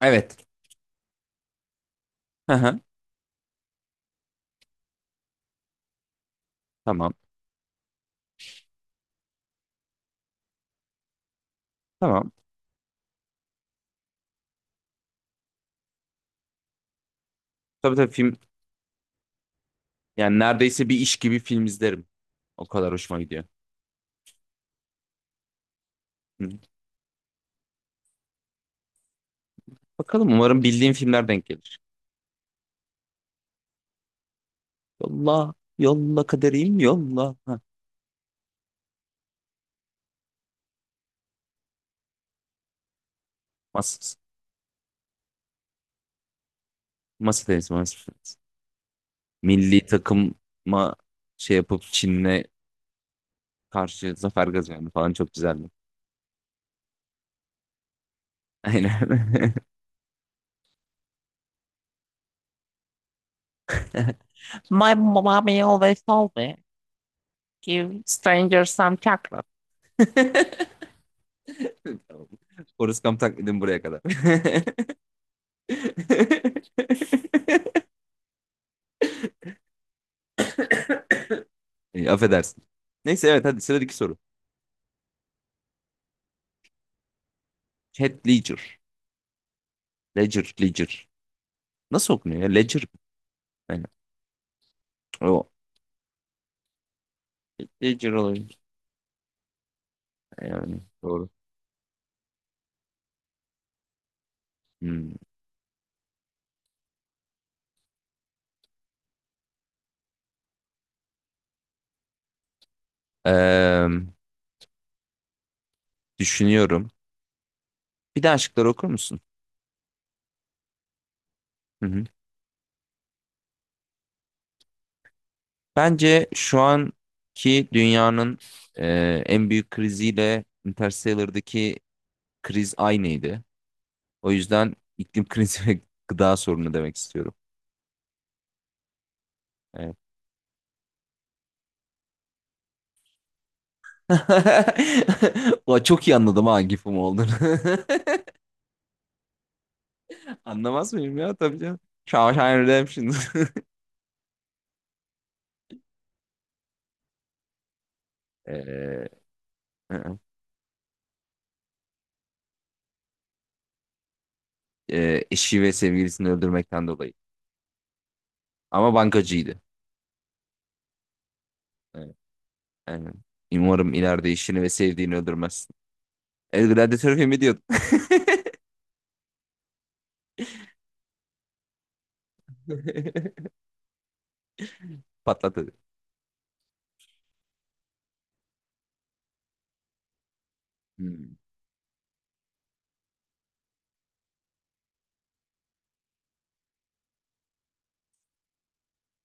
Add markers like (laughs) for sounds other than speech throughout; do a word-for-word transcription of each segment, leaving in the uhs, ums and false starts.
Evet. Hı hı. Tamam. Tamam. Tabii tabii film, yani neredeyse bir iş gibi film izlerim. O kadar hoşuma gidiyor. Hı. Bakalım, umarım bildiğim filmler denk gelir. Yolla, yolla kaderim yolla. Ha, masa, masa tenisi, masa tenisi. Milli takıma şey yapıp Çin'le karşı zafer kazandı falan, çok güzeldi. Aynen. (laughs) My mommy always told me, give strangers some chocolate. (laughs) Tamam. Forrest Gump taklidim buraya kadar. (laughs) (laughs) E, affedersin. Neyse, evet, hadi sıradaki soru. Heath Ledger. Ledger, Ledger. Nasıl okunuyor ya? Ledger. Yani, o. Ledger olabilir. Yani, doğru. Hmm. Eee, Düşünüyorum. Bir de aşkları okur musun? Hı hı. Bence şu anki dünyanın eee, en büyük kriziyle Interstellar'daki kriz aynıydı. O yüzden iklim krizi (laughs) ve gıda sorunu demek istiyorum. Evet. (laughs) Ulan, çok iyi anladım ha gifim film olduğunu. (laughs) Anlamaz mıyım ya, tabii canım. Shawshank Redemption. (laughs) Ee, e, Eşi ve sevgilisini öldürmekten dolayı. Ama bankacıydı. Evet, aynen. Umarım ileride eşini ve sevdiğini öldürmezsin. El Gladiator filmi diyordum. (laughs) Patlat hadi. Hmm.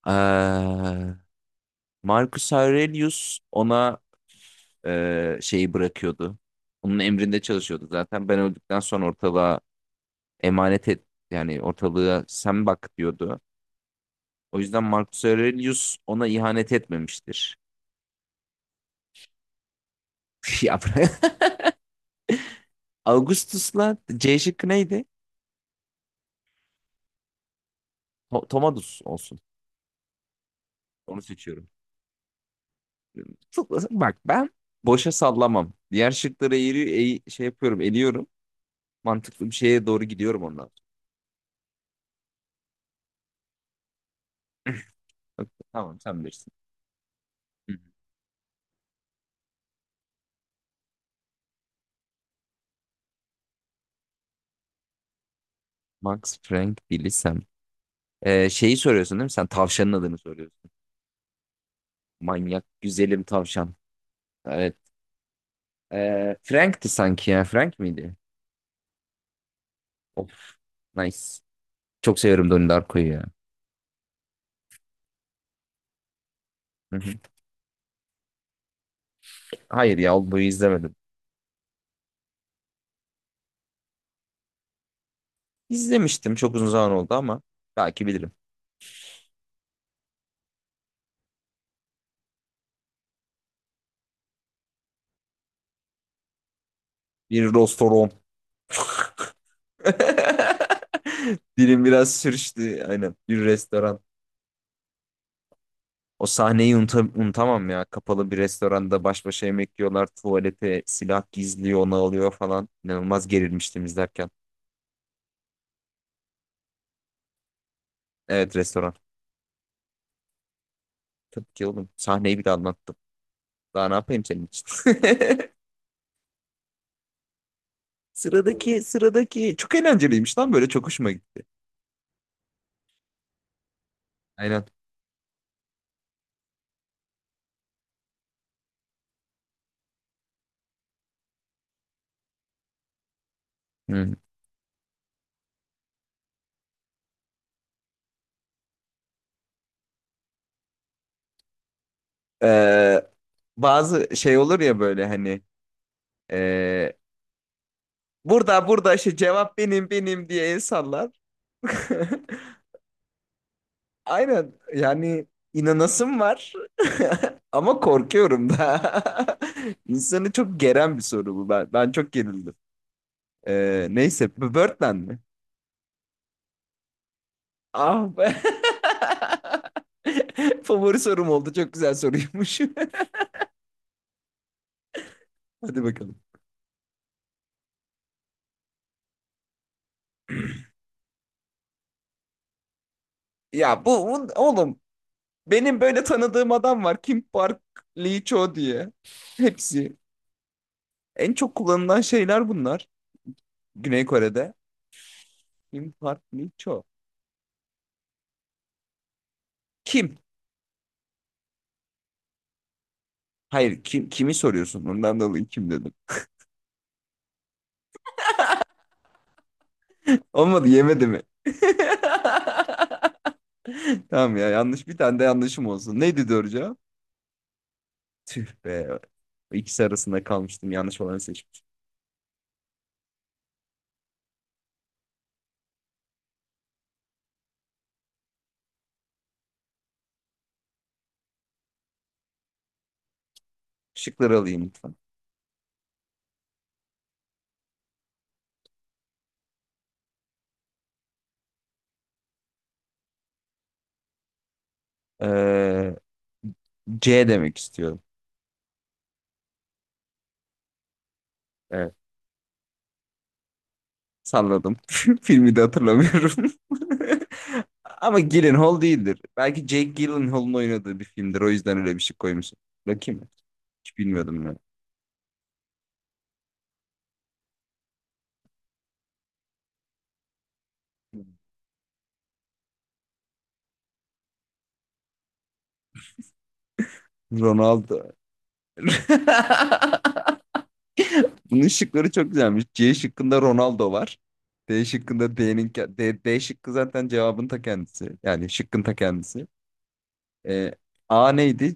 Ee, Marcus Aurelius ona e, şeyi bırakıyordu. Onun emrinde çalışıyordu zaten. Ben öldükten sonra ortalığa emanet et, yani ortalığa sen bak diyordu. O yüzden Marcus Aurelius ona ihanet etmemiştir. (laughs) Ya bırak. Augustus'la C şıkkı neydi? To- Tomadus olsun. Onu seçiyorum. Tıklasın. Bak, ben boşa sallamam. Diğer şıkları eğri, eğ- şey yapıyorum, eliyorum. Mantıklı bir şeye doğru gidiyorum ondan sonra. Tamam, sen bilirsin. Hı hı. Max Frank bilirsem. Ee, şeyi soruyorsun değil mi? Sen tavşanın adını soruyorsun. Manyak güzelim tavşan. Evet. Ee, Frank'ti sanki ya. Frank miydi? Of. Nice. Çok severim Donnie Darko'yu ya. Hı hı. Hayır ya, Oldboy'u izlemedim. İzlemiştim, çok uzun zaman oldu ama belki bilirim. Bir restoran. (laughs) Dilim biraz sürçtü. Aynen. Bir restoran. O sahneyi unuta- unutamam ya. Kapalı bir restoranda baş başa yemek yiyorlar. Tuvalete silah gizliyor, onu alıyor falan. İnanılmaz gerilmiştim izlerken. Evet, restoran. Tabii ki oğlum. Sahneyi bile anlattım. Daha ne yapayım senin için? (laughs) Sıradaki sıradaki çok eğlenceliymiş lan, böyle çok hoşuma gitti. Aynen. Hı. Ee, Bazı şey olur ya, böyle hani ee, burada burada işte cevap benim benim diye el sallar. (laughs) Aynen, yani inanasım var (laughs) ama korkuyorum da. (laughs) İnsanı çok geren bir soru bu. Ben, ben çok gerildim. Ee, neyse, Birdman mi? Ah be. (laughs) Favori sorum oldu. Çok güzel soruymuş. (laughs) Hadi bakalım. Ya bu bu- oğlum, benim böyle tanıdığım adam var. Kim Park Lee Cho diye. Hepsi. En çok kullanılan şeyler bunlar. Güney Kore'de. Kim Park Lee Cho. Kim? Hayır, kim kimi soruyorsun? Ondan dolayı kim dedim. Olmadı, yemedi mi? (laughs) Tamam ya, yanlış bir tane de yanlışım olsun. Neydi doğru cevap? Tüh be. İkisi arasında kalmıştım. Yanlış olanı seçmişim. Şıkları alayım lütfen. Ee, C demek istiyorum. Ee, Salladım. (laughs) Filmi de hatırlamıyorum. (laughs) Ama Gyllenhaal değildir. Belki Jake Gyllenhaal'ın oynadığı bir filmdir. O yüzden öyle bir şey koymuşum. Bakayım. Hiç bilmiyordum ben. Ronaldo. (laughs) Bunun şıkları çok güzelmiş. C şıkkında Ronaldo var. D şıkkında D'nin ke- D, D şıkkı zaten cevabın ta kendisi. Yani şıkkın ta kendisi. Ee, A neydi?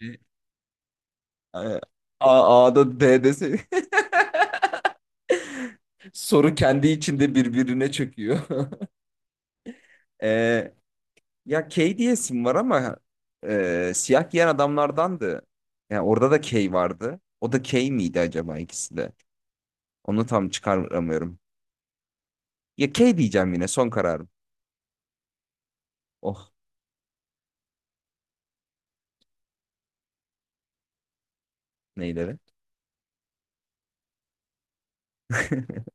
C- A, A- A'da D dese (laughs) soru kendi içinde birbirine çöküyor. (laughs) Ee, Ya Kay diyesim var ama e, siyah giyen adamlardandı. Yani orada da Kay vardı. O da Kay miydi acaba ikisi de? Onu tam çıkaramıyorum. Ya Kay diyeceğim, yine son kararım. Oh neyleri. (laughs)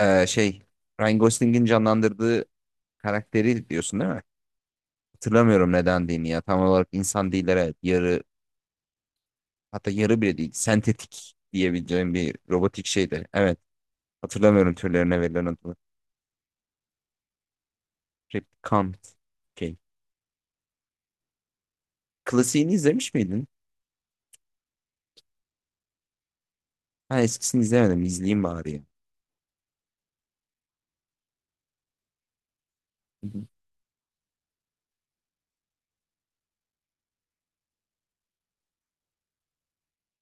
E, şey, Ryan Gosling'in canlandırdığı karakteri diyorsun değil mi? Hatırlamıyorum nedendiğini ya. Tam olarak insan değil, evet. Yarı, hatta yarı bile değil. Sentetik diyebileceğim bir robotik şeydi. Evet, hatırlamıyorum türlerine verilen adını. Replicant. Kay. Klasiğini izlemiş miydin? Ha, eskisini izlemedim. İzleyeyim bari ya. Hı hı.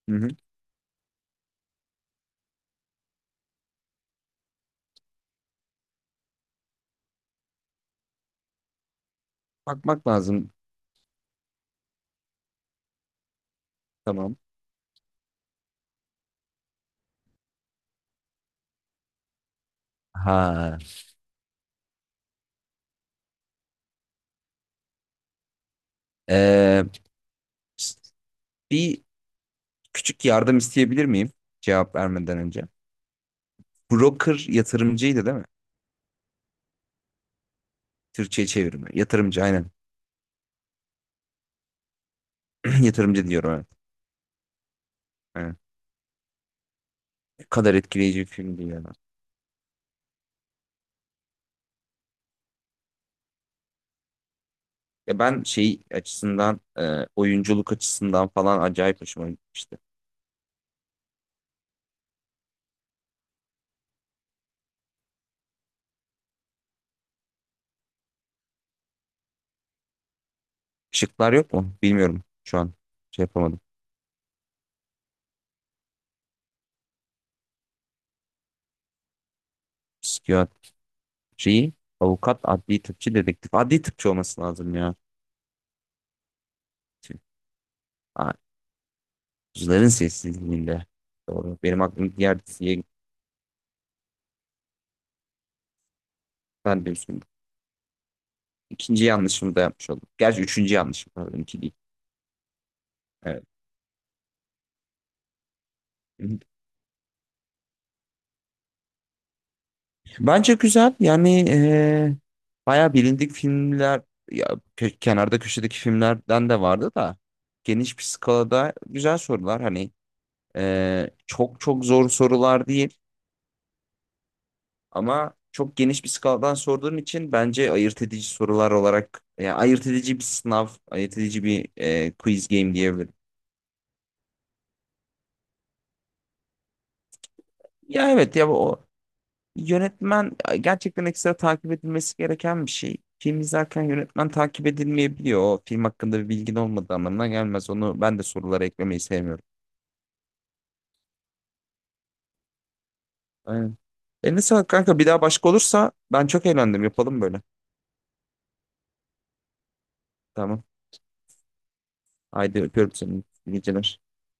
Hı hı. Bakmak lazım. Tamam. Ha. Ee, Bir küçük yardım isteyebilir miyim? Cevap vermeden önce. Broker yatırımcıydı değil mi? Türkçe'ye çevirme. Yatırımcı aynen. (clears throat) Yatırımcı diyorum, evet. Evet. Ne kadar etkileyici bir filmdi ya. Ya ben şey açısından, e, oyunculuk açısından falan acayip hoşuma gitmişti. Şıklar yok mu? Bilmiyorum şu an. Şey yapamadım. Psikiyatriyi. Avukat, adli tıpçı, dedektif. Adli tıpçı olması lazım ya. Şimdi, aa, Kuzuların Sessizliği'nde. Doğru. Benim aklım diğer diziye gitti. Ben de üstüne. İkinci yanlışımı da yapmış oldum. Gerçi üçüncü yanlışım. Pardon, iki değil. Evet. Bence güzel. Yani eee bayağı bilindik filmler ya, kö- kenarda köşedeki filmlerden de vardı da geniş bir skalada güzel sorular. Hani eee, çok çok zor sorular değil. Ama çok geniş bir skaladan sorduğun için bence ayırt edici sorular olarak, yani ayırt edici bir sınav, ayırt edici bir e, quiz game diyebilirim. Ya evet, ya o yönetmen gerçekten ekstra takip edilmesi gereken bir şey. Film izlerken yönetmen takip edilmeyebiliyor. O film hakkında bir bilgin olmadığı anlamına gelmez. Onu ben de sorulara eklemeyi sevmiyorum. Aynen. Eline sağlık kanka. Bir daha başka olursa ben çok eğlendim. Yapalım böyle. Tamam. Haydi öpüyorum seni. İyi geceler.